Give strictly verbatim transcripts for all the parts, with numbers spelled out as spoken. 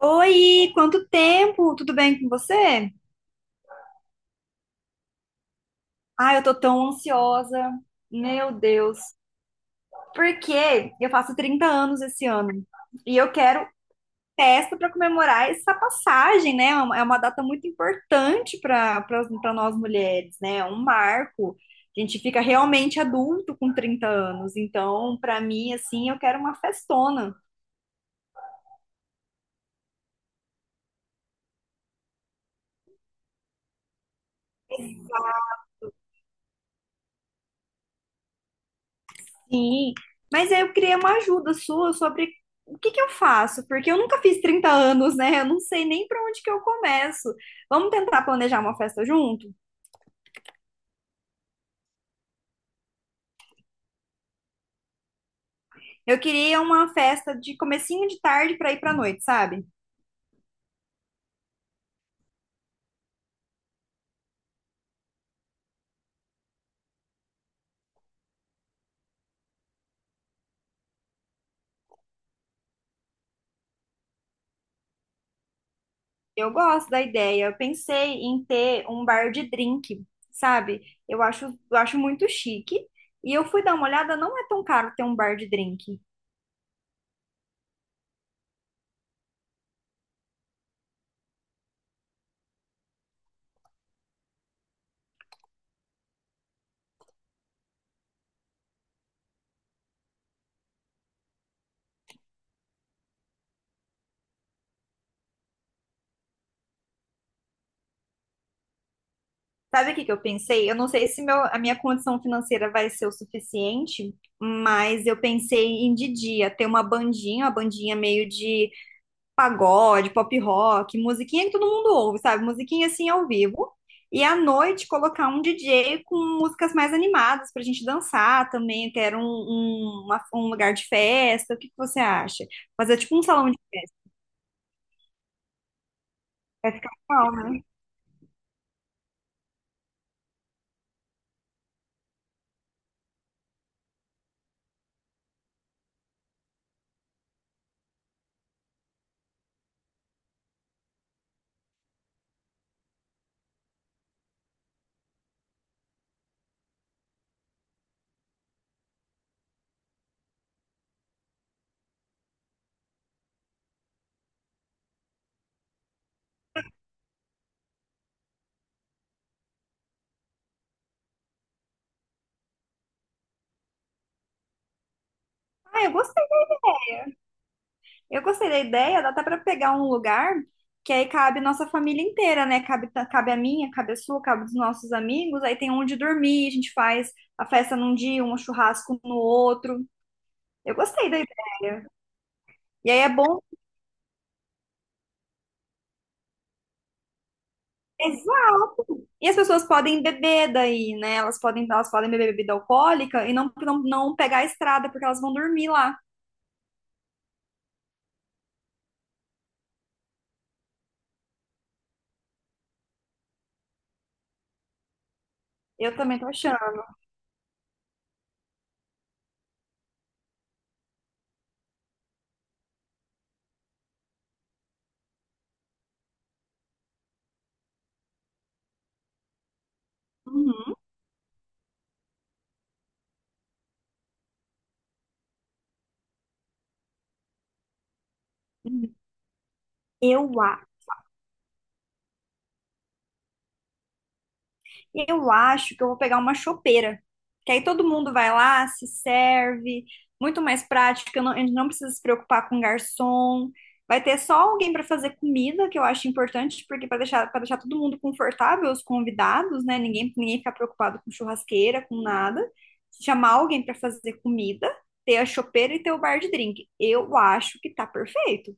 Oi, quanto tempo? Tudo bem com você? Ah, eu tô tão ansiosa. Meu Deus. Porque eu faço trinta anos esse ano e eu quero festa para comemorar essa passagem, né? É uma é uma data muito importante para para nós mulheres, né? É um marco. A gente fica realmente adulto com trinta anos. Então, para mim, assim, eu quero uma festona. Sim, mas aí eu queria uma ajuda sua sobre o que que eu faço, porque eu nunca fiz trinta anos, né? Eu não sei nem para onde que eu começo. Vamos tentar planejar uma festa junto? Eu queria uma festa de comecinho de tarde para ir para noite, sabe? Eu gosto da ideia. Eu pensei em ter um bar de drink, sabe? Eu acho, eu acho muito chique. E eu fui dar uma olhada, não é tão caro ter um bar de drink. Sabe o que que eu pensei? Eu não sei se meu, a minha condição financeira vai ser o suficiente, mas eu pensei em de dia ter uma bandinha, uma bandinha meio de pagode, pop rock, musiquinha que todo mundo ouve, sabe? Musiquinha assim ao vivo. E à noite colocar um D J com músicas mais animadas pra gente dançar também. Quero um, um, uma- um lugar de festa. O que que você acha? Fazer tipo um salão de festa. Vai ficar legal, né? Ah, eu gostei. Eu gostei da ideia, dá até para pegar um lugar que aí cabe nossa família inteira, né? Cabe, cabe a minha, cabe a sua, cabe dos nossos amigos. Aí tem onde dormir, a gente faz a festa num dia, um churrasco no outro. Eu gostei da ideia. E aí é bom. Exato. E as pessoas podem beber daí, né? Elas podem, elas podem beber bebida alcoólica e não, não, não pegar a estrada, porque elas vão dormir lá. Eu também tô achando. Uhum. Eu Eu acho que eu vou pegar uma chopeira, que aí todo mundo vai lá, se serve, muito mais prática, não- a gente não precisa se preocupar com garçom. Vai ter só alguém para fazer comida, que eu acho importante, porque para deixar, para deixar todo mundo confortável, os convidados, né? Ninguém, ninguém ficar preocupado com churrasqueira, com nada. Chamar alguém para fazer comida, ter a chopeira e ter o bar de drink. Eu acho que tá perfeito.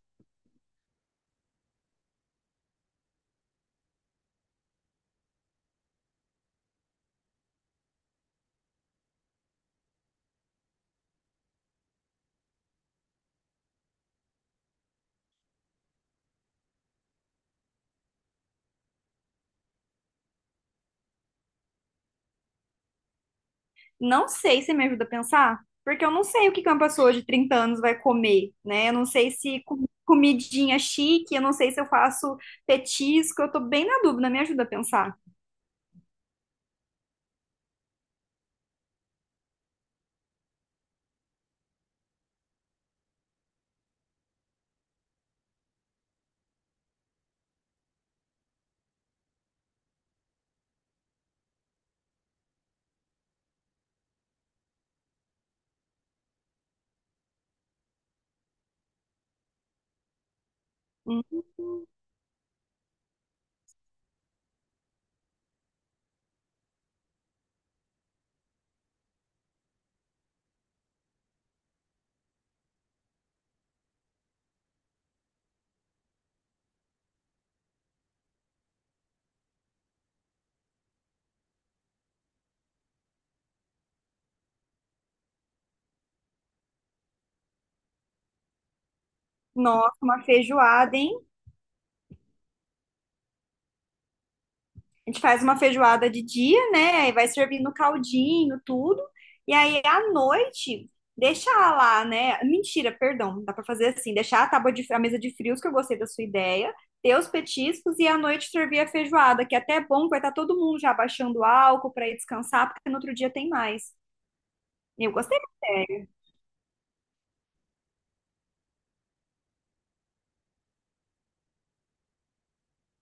Não sei se me ajuda a pensar, porque eu não sei o que que uma pessoa de trinta anos vai comer, né? Eu não sei se com- comidinha chique, eu não sei se eu faço petisco, eu tô bem na dúvida, me ajuda a pensar. Hum, nossa, uma feijoada, hein? A gente faz uma feijoada de dia, né? Aí vai servindo caldinho, tudo. E aí à noite deixar lá, né? Mentira, perdão, dá para fazer assim, deixar a tábua de, a mesa de frios que eu gostei da sua ideia, ter os petiscos e à noite servir a feijoada, que é até é bom, vai estar todo mundo já baixando o álcool para ir descansar, porque no outro dia tem mais. Eu gostei da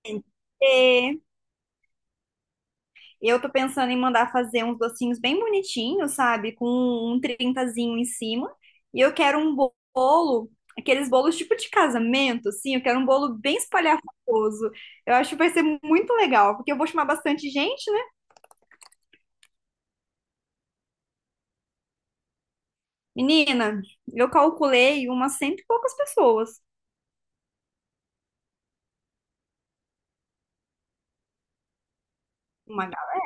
ideia. Eu tô pensando em mandar fazer uns docinhos bem bonitinhos, sabe? Com um trintazinho em cima. E eu quero um bolo, aqueles bolos tipo de casamento, assim. Eu quero um bolo bem espalhafatoso. Eu acho que vai ser muito legal, porque eu vou chamar bastante gente, né? Menina, eu calculei umas cento e poucas pessoas. Uma gala.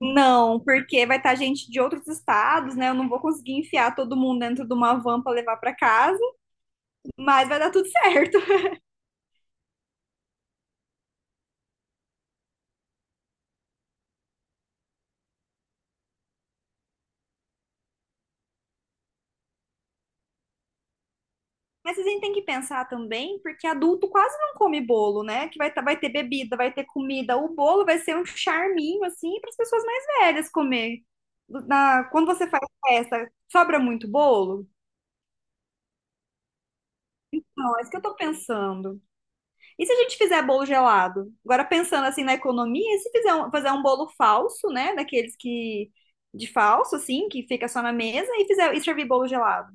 Não, porque vai estar gente de outros estados, né? Eu não vou conseguir enfiar todo mundo dentro de uma van para levar para casa, mas vai dar tudo certo. Mas a gente tem que pensar também, porque adulto quase não come bolo, né? Que vai, tá- vai ter bebida, vai ter comida. O bolo vai ser um charminho, assim, para as pessoas mais velhas comer. Na- quando você faz festa, sobra muito bolo? Não, é isso que eu tô pensando. E se a gente fizer bolo gelado? Agora, pensando assim na economia, e se fizer um, fazer um bolo falso, né? Daqueles que, de falso, assim, que fica só na mesa, e fizer, e servir bolo gelado?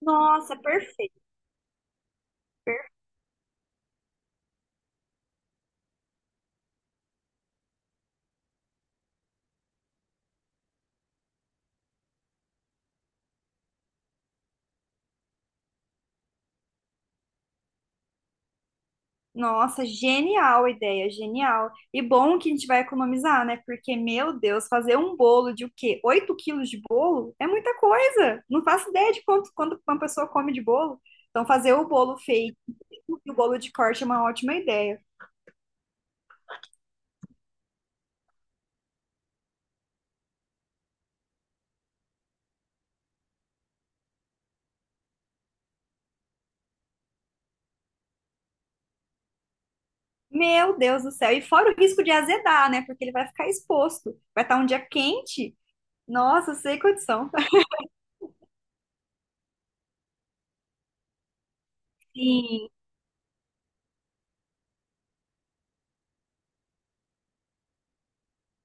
Nossa, perfeito. Nossa, genial a ideia, genial. E bom que a gente vai economizar, né? Porque, meu Deus, fazer um bolo de o quê? Oito quilos de bolo é muita coisa. Não faço ideia de quanto, quanto uma pessoa come de bolo. Então, fazer o bolo feito e o bolo de corte é uma ótima ideia. Meu Deus do céu. E fora o risco de azedar, né? Porque ele vai ficar exposto. Vai estar um dia quente. Nossa, sem condição. Sim.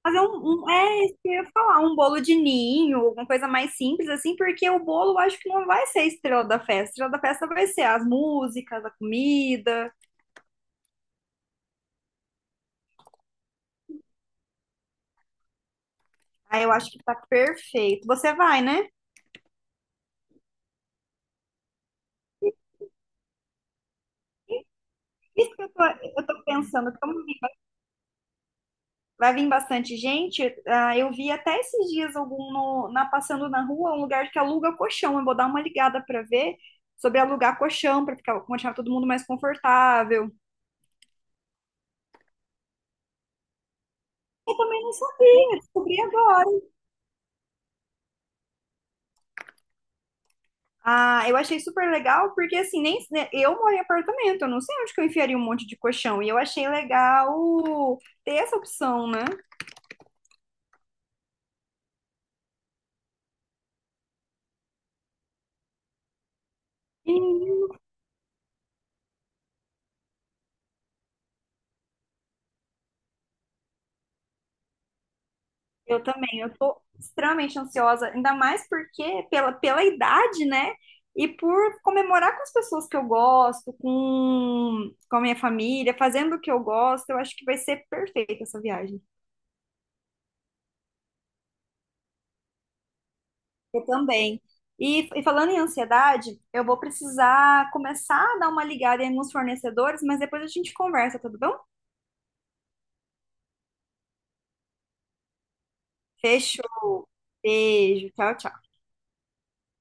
Fazer um, um- é isso que eu ia falar, um bolo de ninho, alguma coisa mais simples assim, porque o bolo eu acho que não vai ser a estrela da festa. A estrela da festa vai ser as músicas, a comida. Aí eu acho que tá perfeito. Você vai, né? Isso que eu tô, eu tô pensando, como vi- vai vir bastante gente, ah, eu vi até esses dias algum no- na passando na rua, um lugar que aluga colchão. Eu vou dar uma ligada pra ver sobre alugar colchão para ficar, deixar todo mundo mais confortável. Eu também não sabia, descobri agora. Ah, eu achei super legal, porque assim, nem né, eu moro em apartamento, eu não sei onde que eu enfiaria um monte de colchão. E eu achei legal ter essa opção, né? Menino, eu também, eu tô extremamente ansiosa, ainda mais porque pela, pela idade, né? E por comemorar com as pessoas que eu gosto, com, com a minha família, fazendo o que eu gosto, eu acho que vai ser perfeita essa viagem. Eu também. E, e falando em ansiedade, eu vou precisar começar a dar uma ligada em alguns fornecedores, mas depois a gente conversa, tudo bom? Fechou. Beijo. Tchau, tchau.